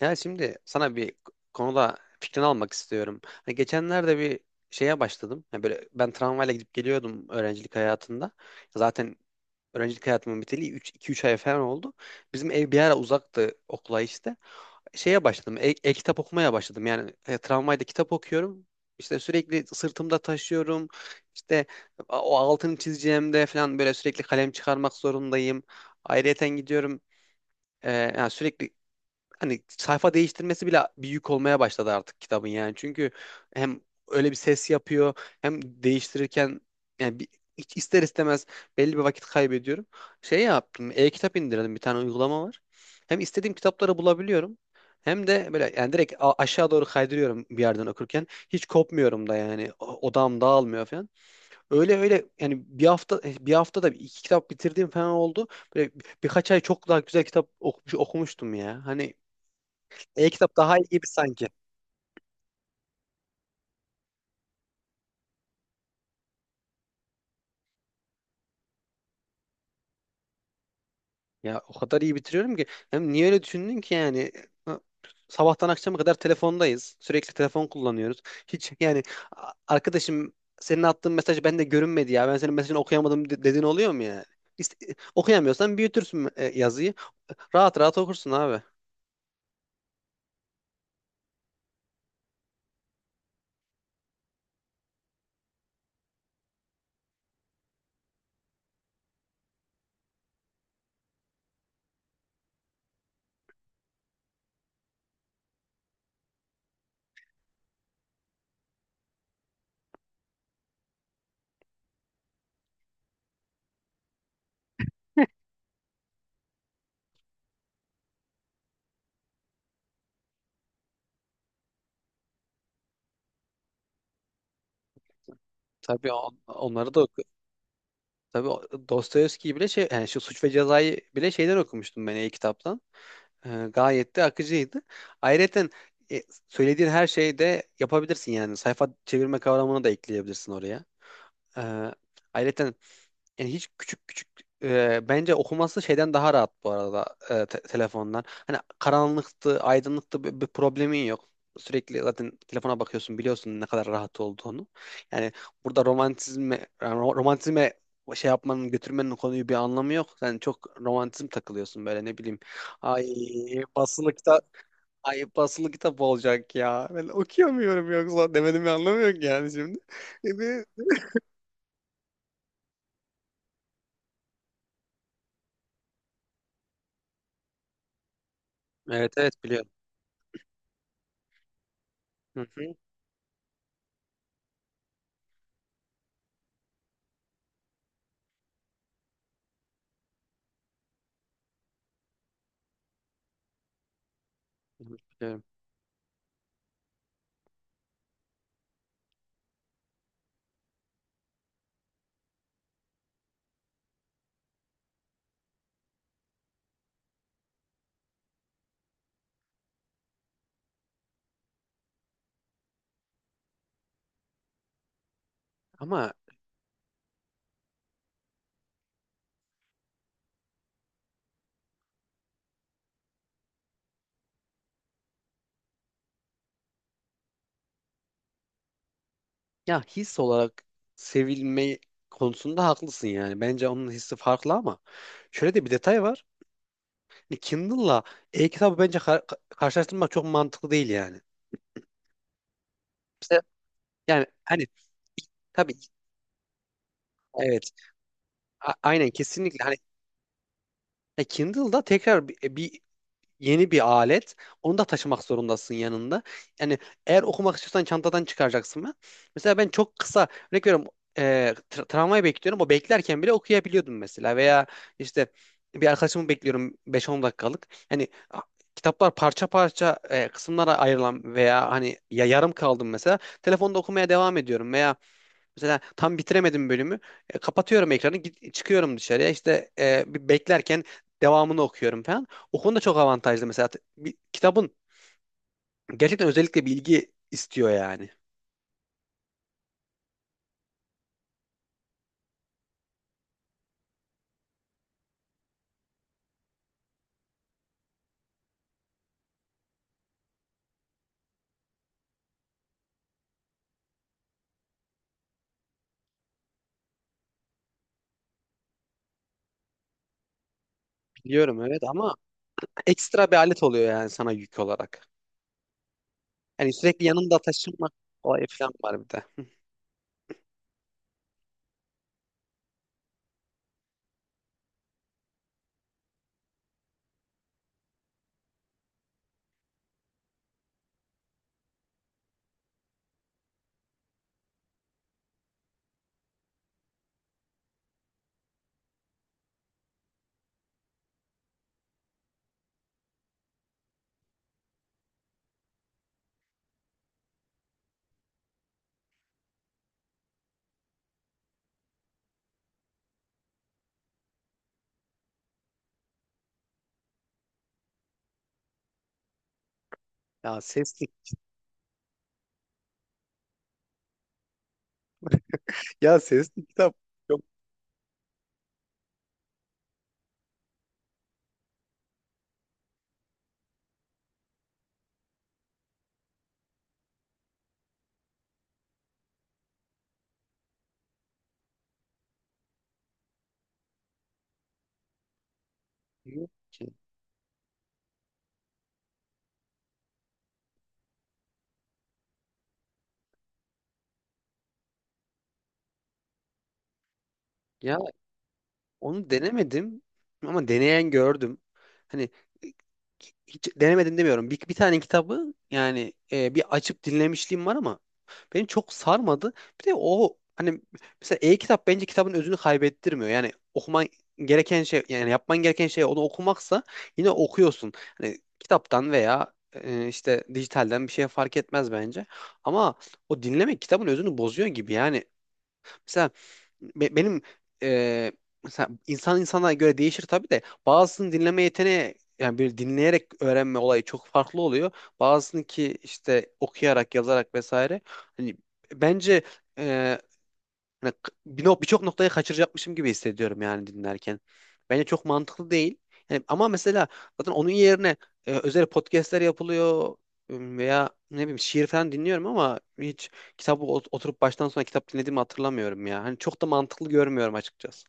Yani şimdi sana bir konuda fikrini almak istiyorum. Hani geçenlerde bir şeye başladım. Yani böyle ben tramvayla gidip geliyordum öğrencilik hayatında. Zaten öğrencilik hayatımın biteli iki üç ay falan oldu. Bizim ev bir ara uzaktı okula işte. Şeye başladım. E-kitap okumaya başladım. Yani tramvayda kitap okuyorum. İşte sürekli sırtımda taşıyorum. İşte o altını çizeceğimde falan böyle sürekli kalem çıkarmak zorundayım. Ayrıyeten gidiyorum. Yani sürekli hani sayfa değiştirmesi bile bir yük olmaya başladı artık kitabın yani. Çünkü hem öyle bir ses yapıyor hem değiştirirken yani hiç ister istemez belli bir vakit kaybediyorum. Şey yaptım, e-kitap indirdim, bir tane uygulama var. Hem istediğim kitapları bulabiliyorum. Hem de böyle yani direkt aşağı doğru kaydırıyorum bir yerden okurken. Hiç kopmuyorum da yani odağım dağılmıyor falan. Öyle öyle yani bir haftada iki kitap bitirdiğim falan oldu. Böyle birkaç ay çok daha güzel kitap okumuştum ya. Hani e-kitap daha iyi gibi sanki. Ya o kadar iyi bitiriyorum ki. Hem niye öyle düşündün ki yani? Ha, sabahtan akşama kadar telefondayız. Sürekli telefon kullanıyoruz. Hiç yani arkadaşım, senin attığın mesaj bende görünmedi ya, ben senin mesajını okuyamadım dediğin oluyor mu yani? Okuyamıyorsan büyütürsün yazıyı. Rahat rahat okursun abi. Tabii onları da oku. Tabii Dostoyevski'yi bile şey yani şu Suç ve Ceza'yı bile şeyden okumuştum ben, e-kitaptan. Gayet de akıcıydı. Ayrıca e, söylediğin her şeyi de yapabilirsin yani. Sayfa çevirme kavramını da ekleyebilirsin oraya. Ee, Ayrıca yani hiç küçük küçük bence okuması şeyden daha rahat bu arada, telefondan. Hani karanlıktı, aydınlıktı bir problemin yok. Sürekli zaten telefona bakıyorsun, biliyorsun ne kadar rahat olduğunu. Yani burada romantizme yani romantizme şey yapmanın, götürmenin konuyu bir anlamı yok. Sen çok romantizm takılıyorsun böyle, ne bileyim. Ay basılı kitap, ay basılı kitap olacak ya. Ben okuyamıyorum yoksa demedim, anlamı yok yani şimdi. E, bir- Evet, evet, biliyorum. Hı hı. Biliyorum. Ama ya his olarak sevilme konusunda haklısın yani. Bence onun hissi farklı ama şöyle de bir detay var. Hani Kindle'la e-kitabı bence karşılaştırmak çok mantıklı değil yani. İşte yani hani, tabii, evet, aynen, kesinlikle, hani Kindle'da tekrar bir yeni bir alet. Onu da taşımak zorundasın yanında. Yani eğer okumak istiyorsan çantadan çıkaracaksın ben. Mesela ben çok kısa örnek veriyorum, e, tramvayı bekliyorum. O beklerken bile okuyabiliyordum mesela. Veya işte bir arkadaşımı bekliyorum 5-10 dakikalık. Yani kitaplar parça parça, kısımlara ayrılan veya hani ya yarım kaldım mesela, telefonda okumaya devam ediyorum. Veya mesela tam bitiremedim bölümü. Kapatıyorum ekranı, git, çıkıyorum dışarıya. İşte bir beklerken devamını okuyorum falan. O konuda çok avantajlı mesela. Kitabın gerçekten özellikle bilgi istiyor yani. Biliyorum, evet, ama ekstra bir alet oluyor yani sana yük olarak. Yani sürekli yanında taşınma olayı falan var bir de. Hı. Ya sesli, ya sesli kitap çok iyi ki. Ya onu denemedim ama deneyen gördüm. Hani hiç denemedim demiyorum. Bir tane kitabı yani, bir açıp dinlemişliğim var ama beni çok sarmadı. Bir de o hani, mesela e-kitap bence kitabın özünü kaybettirmiyor. Yani okuman gereken şey yani yapman gereken şey onu okumaksa yine okuyorsun. Hani kitaptan veya işte dijitalden bir şey fark etmez bence. Ama o dinlemek kitabın özünü bozuyor gibi yani. Mesela benim e, mesela insan insana göre değişir tabii de, bazısının dinleme yeteneği yani, böyle dinleyerek öğrenme olayı çok farklı oluyor. Bazısının ki işte okuyarak, yazarak vesaire. Hani bence, hani birçok noktayı kaçıracakmışım gibi hissediyorum yani dinlerken. Bence çok mantıklı değil. Yani ama mesela, zaten onun yerine özel podcastler yapılıyor, veya ne bileyim şiir falan dinliyorum ama hiç kitabı oturup baştan sona kitap dinlediğimi hatırlamıyorum ya. Hani çok da mantıklı görmüyorum açıkçası.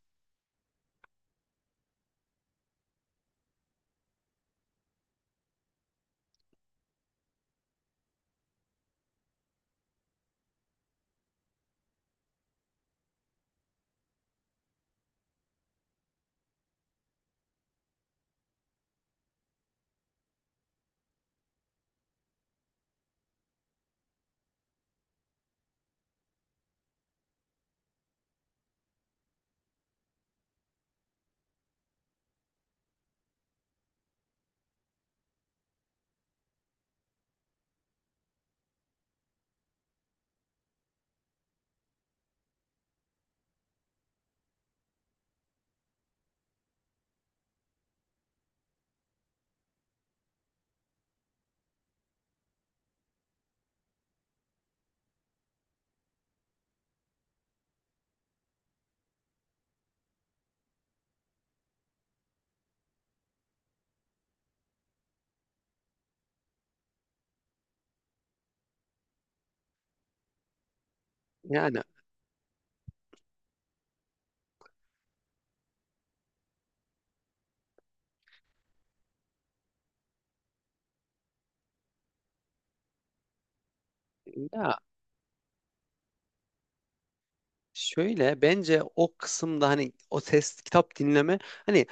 Yani ya, şöyle bence o kısımda hani o test kitap dinleme hani,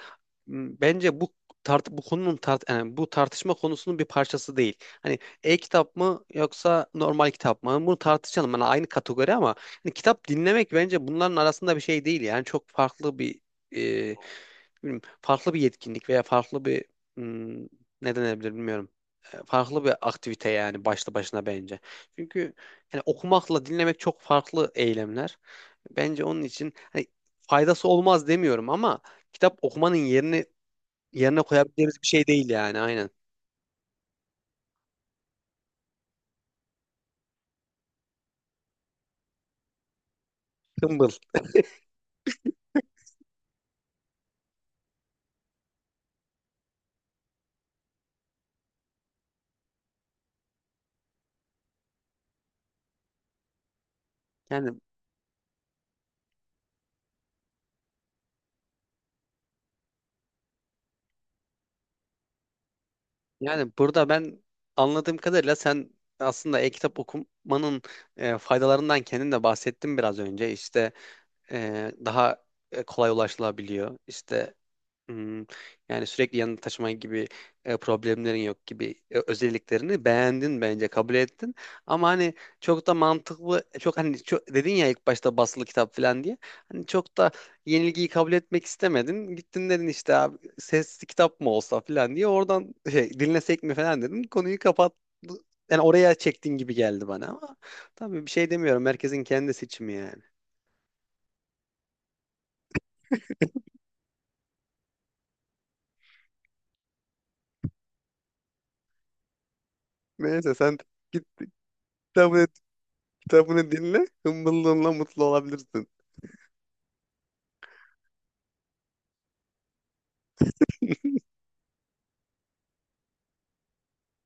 bence bu tart bu konunun tart yani bu tartışma konusunun bir parçası değil. Hani e-kitap mı yoksa normal kitap mı, bunu tartışalım. Hani aynı kategori ama hani kitap dinlemek bence bunların arasında bir şey değil. Yani çok farklı bir, e, bilmiyorum, farklı bir yetkinlik veya farklı bir, m, ne denebilir bilmiyorum. Farklı bir aktivite yani başlı başına bence. Çünkü yani okumakla dinlemek çok farklı eylemler. Bence onun için hani, faydası olmaz demiyorum ama kitap okumanın yerine koyabileceğimiz bir şey değil yani, aynen. Kımbıl. Yani yani burada ben anladığım kadarıyla sen aslında e-kitap okumanın faydalarından kendin de bahsettin biraz önce. İşte daha kolay ulaşılabiliyor. İşte Hmm, yani sürekli yanında taşıma gibi problemlerin yok gibi özelliklerini beğendin, bence kabul ettin. Ama hani çok da mantıklı çok hani çok, dedin ya ilk başta basılı kitap falan diye. Hani çok da yenilgiyi kabul etmek istemedin. Gittin dedin işte, abi sesli kitap mı olsa falan diye oradan, şey, dinlesek mi falan dedin. Konuyu kapat, yani oraya çektin gibi geldi bana ama tabii bir şey demiyorum. Herkesin kendi seçimi yani. Neyse, sen git kitabı kitabını dinle, hımbıllığınla mutlu olabilirsin.